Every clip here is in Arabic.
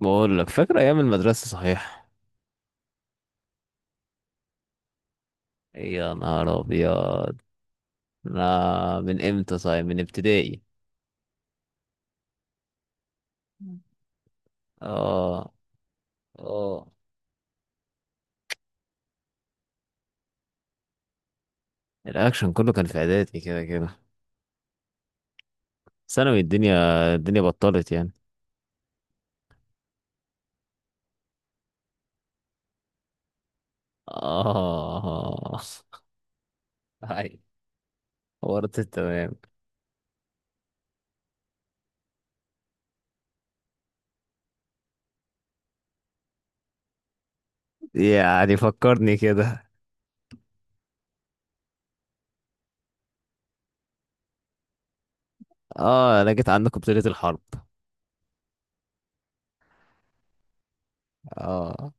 بقول لك، فاكر ايام المدرسه؟ صحيح. إيه، يا نهار ابيض. انا من امتى؟ صحيح، من ابتدائي. اه. اه. الاكشن كله كان في اعدادي كده كده. ثانوي الدنيا، الدنيا بطلت يعني. اه. هاي. ورطت تمام. يعني فكرني كده. اه، انا جيت عندكم بطولة الحرب. اه.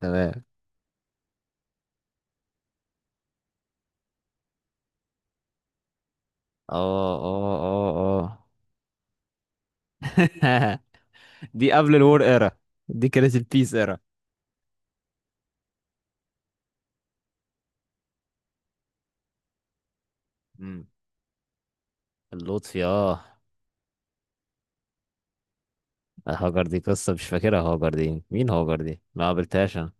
تمام. اه. اه. اه. اه. دي قبل الور ايرا. دي كانت البيس ايرا. مم. اللطفي، اه. هاجر دي قصة مش فاكرها، هاجر دي مين؟ هاجر دي ما قابلتهاش انا.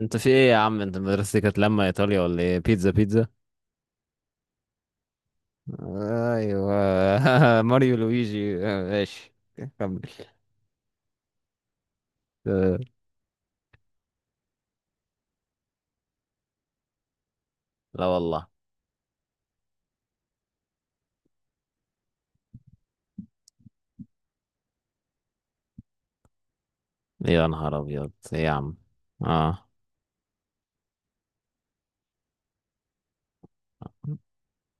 انت في ايه يا عم؟ انت مدرستك كانت لما ايطاليا ولا ايه؟ بيتزا بيتزا. ايوه. ماريو لويجي، ماشي. كمل. آه، لا والله. يا نهار ابيض، ايه يا عم. اه.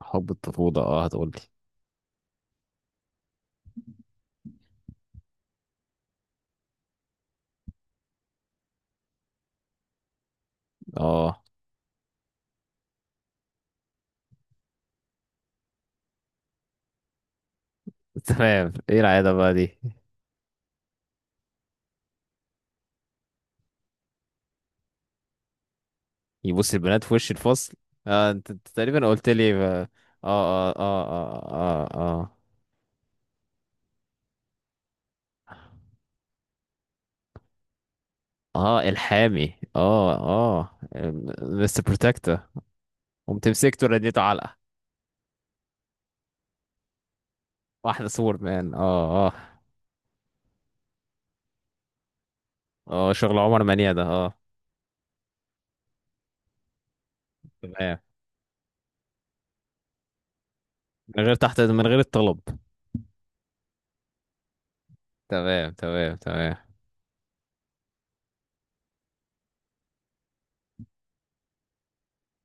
حب الطفولة، اه هتقولي. اه. تمام، ايه العادة بقى دي؟ يبص البنات في وش الفصل. اه، انت أنت تقريبا قلت لي اه. اه، اه، اه، اه، اه، آه. اه الحامي، اه، اه. مستر بروتكتور. قمت مسكته، رديته علقه. واحده سور مان، اه، اه. اه، شغل عمر منيع ده، اه. تمام. من غير تحت، من غير الطلب. تمام، تمام، تمام.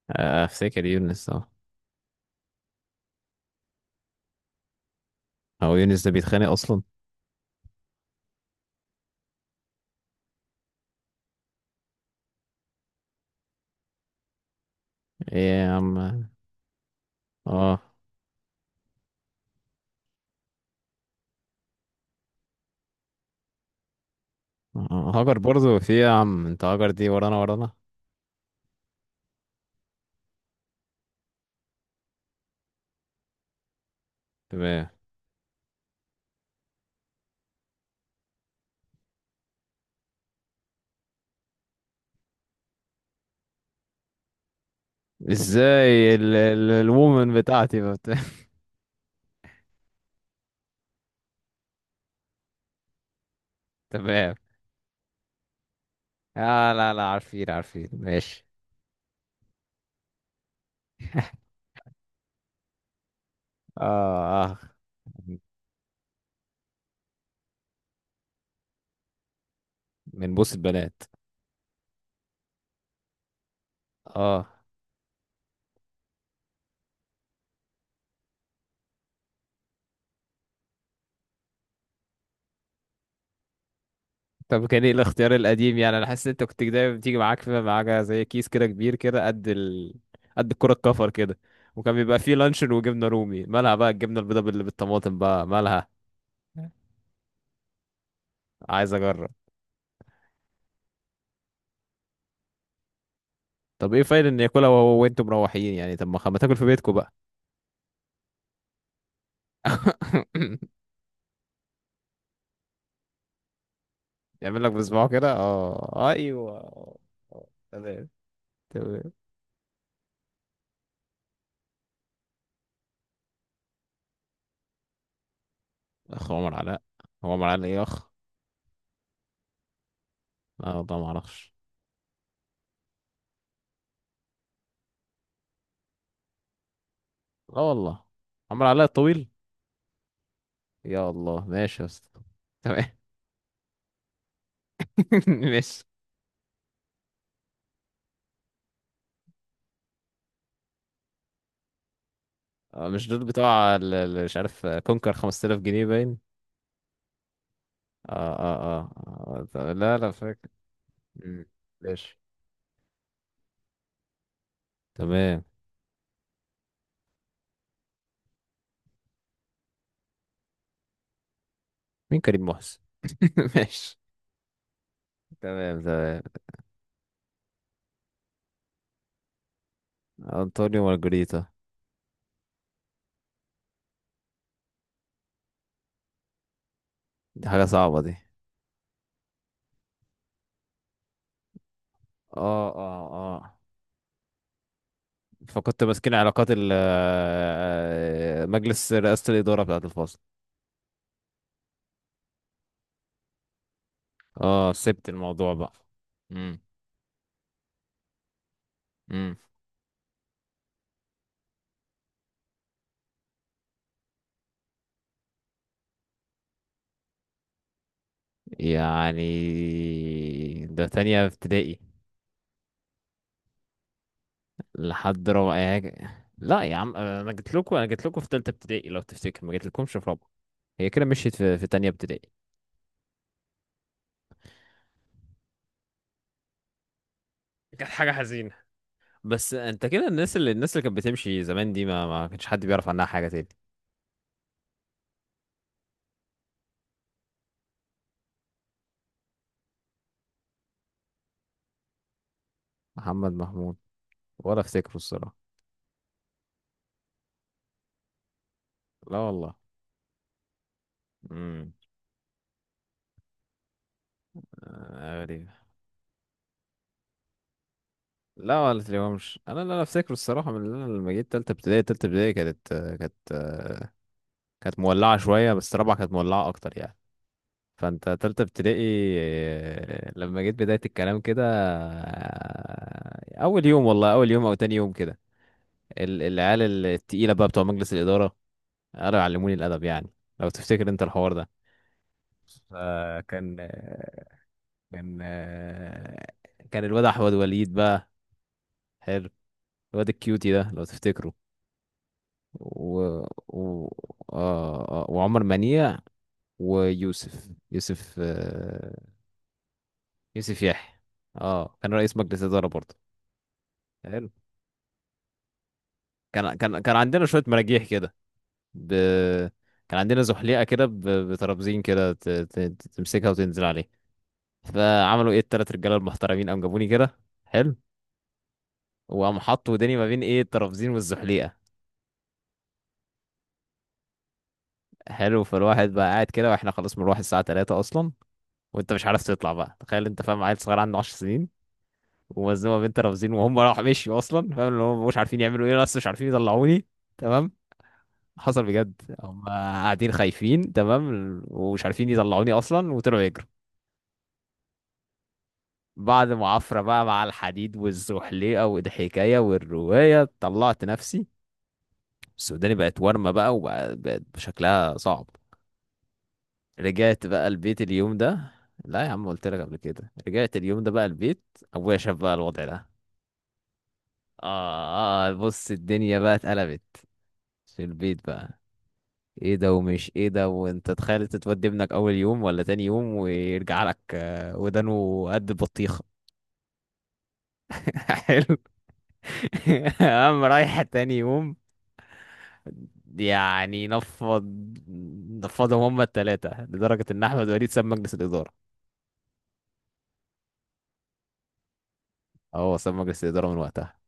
آه، آه، افتكر يونس، اه. هو يونس ده بيتخانق اصلا؟ ايه يا عم. اه. آه، هاجر برضو؟ في إيه يا عم انت؟ هاجر دي ورانا ورانا. تمام. ازاي الوومن بتاعتي بت... تمام. آه، لا لا، عارفين عارفين، ماشي. اه، اه. من بوس البنات. اه. طب كان ايه الاختيار القديم؟ يعني انا حاسس ان انت كنت دايما بتيجي معاك، في معاك زي كيس كده كبير كده، قد ال... قد الكرة الكفر كده. وكان بيبقى فيه لانشون وجبنة رومي. مالها بقى الجبنة البيضاء بالطماطم بقى، مالها؟ عايز اجرب. طب ايه فايدة ان ياكلها وهو وانتم مروحين؟ يعني طب ما تاكل في بيتكم بقى. يعمل لك بصباعه كده، اه ايوه. تمام. تمام. اخ عمر علاء؟ هو عمر علاء ايه اخ؟ لا والله، ما اعرفش. لا والله. عمر علاء الطويل. يا الله، ماشي يا اسطى. تمام. ماشي. آه، مش دول بتوع مش عارف، آه، كونكر 5000 جنيه باين. اه. اه، اه, آه. طب لا لا، فاكر. مم. ماشي. تمام. مين كريم محسن؟ ماشي. تمام، تمام. انطونيو مارجريتا. دي حاجة صعبة دي. اه. اه. اه. فكنت ماسكين علاقات ال آه، مجلس رئاسة الإدارة بتاعة الفصل. اه سبت الموضوع بقى. امم. يعني ده تانية ابتدائي؟ لحد رابعة يعني؟ لا يا عم، انا جيت لكم في تالتة ابتدائي لو تفتكر، ما جيت لكمش في رابعة. هي كده مشيت في تانية ابتدائي. كانت حاجة حزينة. بس انت كده، الناس اللي كانت بتمشي زمان دي، ما كانش حد بيعرف عنها حاجة تاني. محمد محمود، ولا افتكره الصراحة. لا والله. امم. آه، غريب. لا ولا تلاقيهمش، انا لا لا افتكره الصراحة. من اللي أنا لما جيت تالتة ابتدائي، تالتة ابتدائي كانت، كانت، كانت مولعة شوية، بس رابعة كانت مولعة اكتر يعني. فانت تالتة ابتدائي، آه، لما جيت بداية الكلام كده. آه، اول يوم، والله اول يوم او تاني يوم كده، العيال التقيلة بقى بتوع مجلس الإدارة قالوا يعلموني الأدب يعني، لو تفتكر انت الحوار ده. فكان آه، كان آه، كان الواد احمد وليد بقى. حلو، الواد الكيوتي ده لو تفتكره. و... و... آه... آه، وعمر منيع، ويوسف. يوسف آه، يوسف يحيى. اه، كان رئيس مجلس إدارة برضه. حلو. كان عندنا شوية مراجيح كده. ب... كان عندنا زحليقة كده، ب... بترابزين كده، تمسكها وتنزل عليه. فعملوا ايه التلات رجالة المحترمين؟ قام جابوني كده. حلو. وقام حطوا وداني ما بين ايه الترابزين والزحليقة. حلو. فالواحد بقى قاعد كده، واحنا خلاص بنروح الساعة 3 أصلا. وانت مش عارف تطلع بقى. تخيل انت، فاهم، عيل صغير عنده 10 سنين، ومزنوقة بين ترابزين، وهم راحوا مشيوا أصلا، فاهم، اللي هم مش عارفين يعملوا ايه، بس مش عارفين يطلعوني. تمام. حصل بجد. هم قاعدين خايفين، تمام، ومش عارفين يطلعوني اصلا، وطلعوا يجروا. بعد معافرة بقى مع الحديد والزحليقة والحكاية والرواية، طلعت نفسي. السوداني بقت ورمة بقى، وبقت بقت شكلها صعب. رجعت بقى البيت اليوم ده. لا يا عم، قلت لك قبل كده، رجعت اليوم ده بقى البيت. ابويا شاف بقى الوضع ده. اه, آه بص، الدنيا بقى اتقلبت في البيت بقى. ايه ده؟ ومش ايه ده. وانت تخيل تتودي ابنك اول يوم ولا تاني يوم، ويرجع لك آه، ودانه قد البطيخة. حلو. قام رايح تاني يوم. يعني نفض، نفضهم هما التلاتة، لدرجة ان احمد وليد ساب مجلس الادارة. اه، هو ساب مجلس الادارة من وقتها.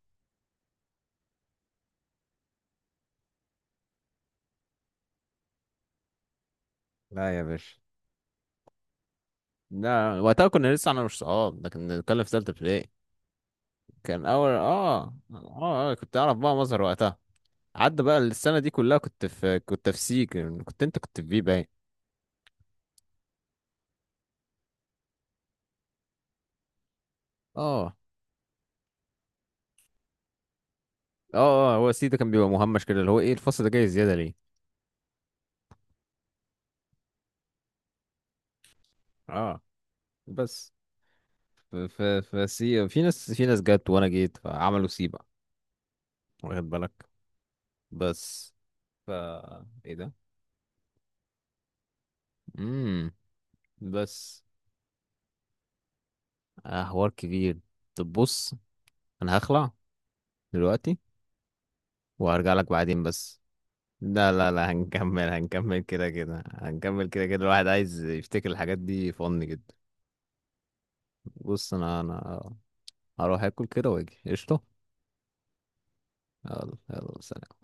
لا يا باشا، لا وقتها كنا لسه، انا مش صحاب ده، كنا بنتكلم في تالتة ابتدائي. كان اول، اه، اه، آه، كنت اعرف بقى مظهر وقتها. عدى بقى السنة دي كلها، كنت في، كنت في سيك، كنت انت كنت في بي باين. اه، اه، اه، هو سي ده كان بيبقى مهمش كده، اللي هو ايه الفصل ده جاي زيادة ليه؟ اه بس. ف سي، في ناس جت، وانا جيت، فعملوا سي بقى. واخد بالك؟ بس ف. ايه ده. امم. بس. آه، حوار كبير. طب بص، انا هخلع دلوقتي وهرجع لك بعدين، بس. لا لا لا، هنكمل، هنكمل كده كده، الواحد عايز يفتكر الحاجات دي، فن جدا. بص، انا انا هروح اكل كده واجي قشطة. يلا يلا، سلام.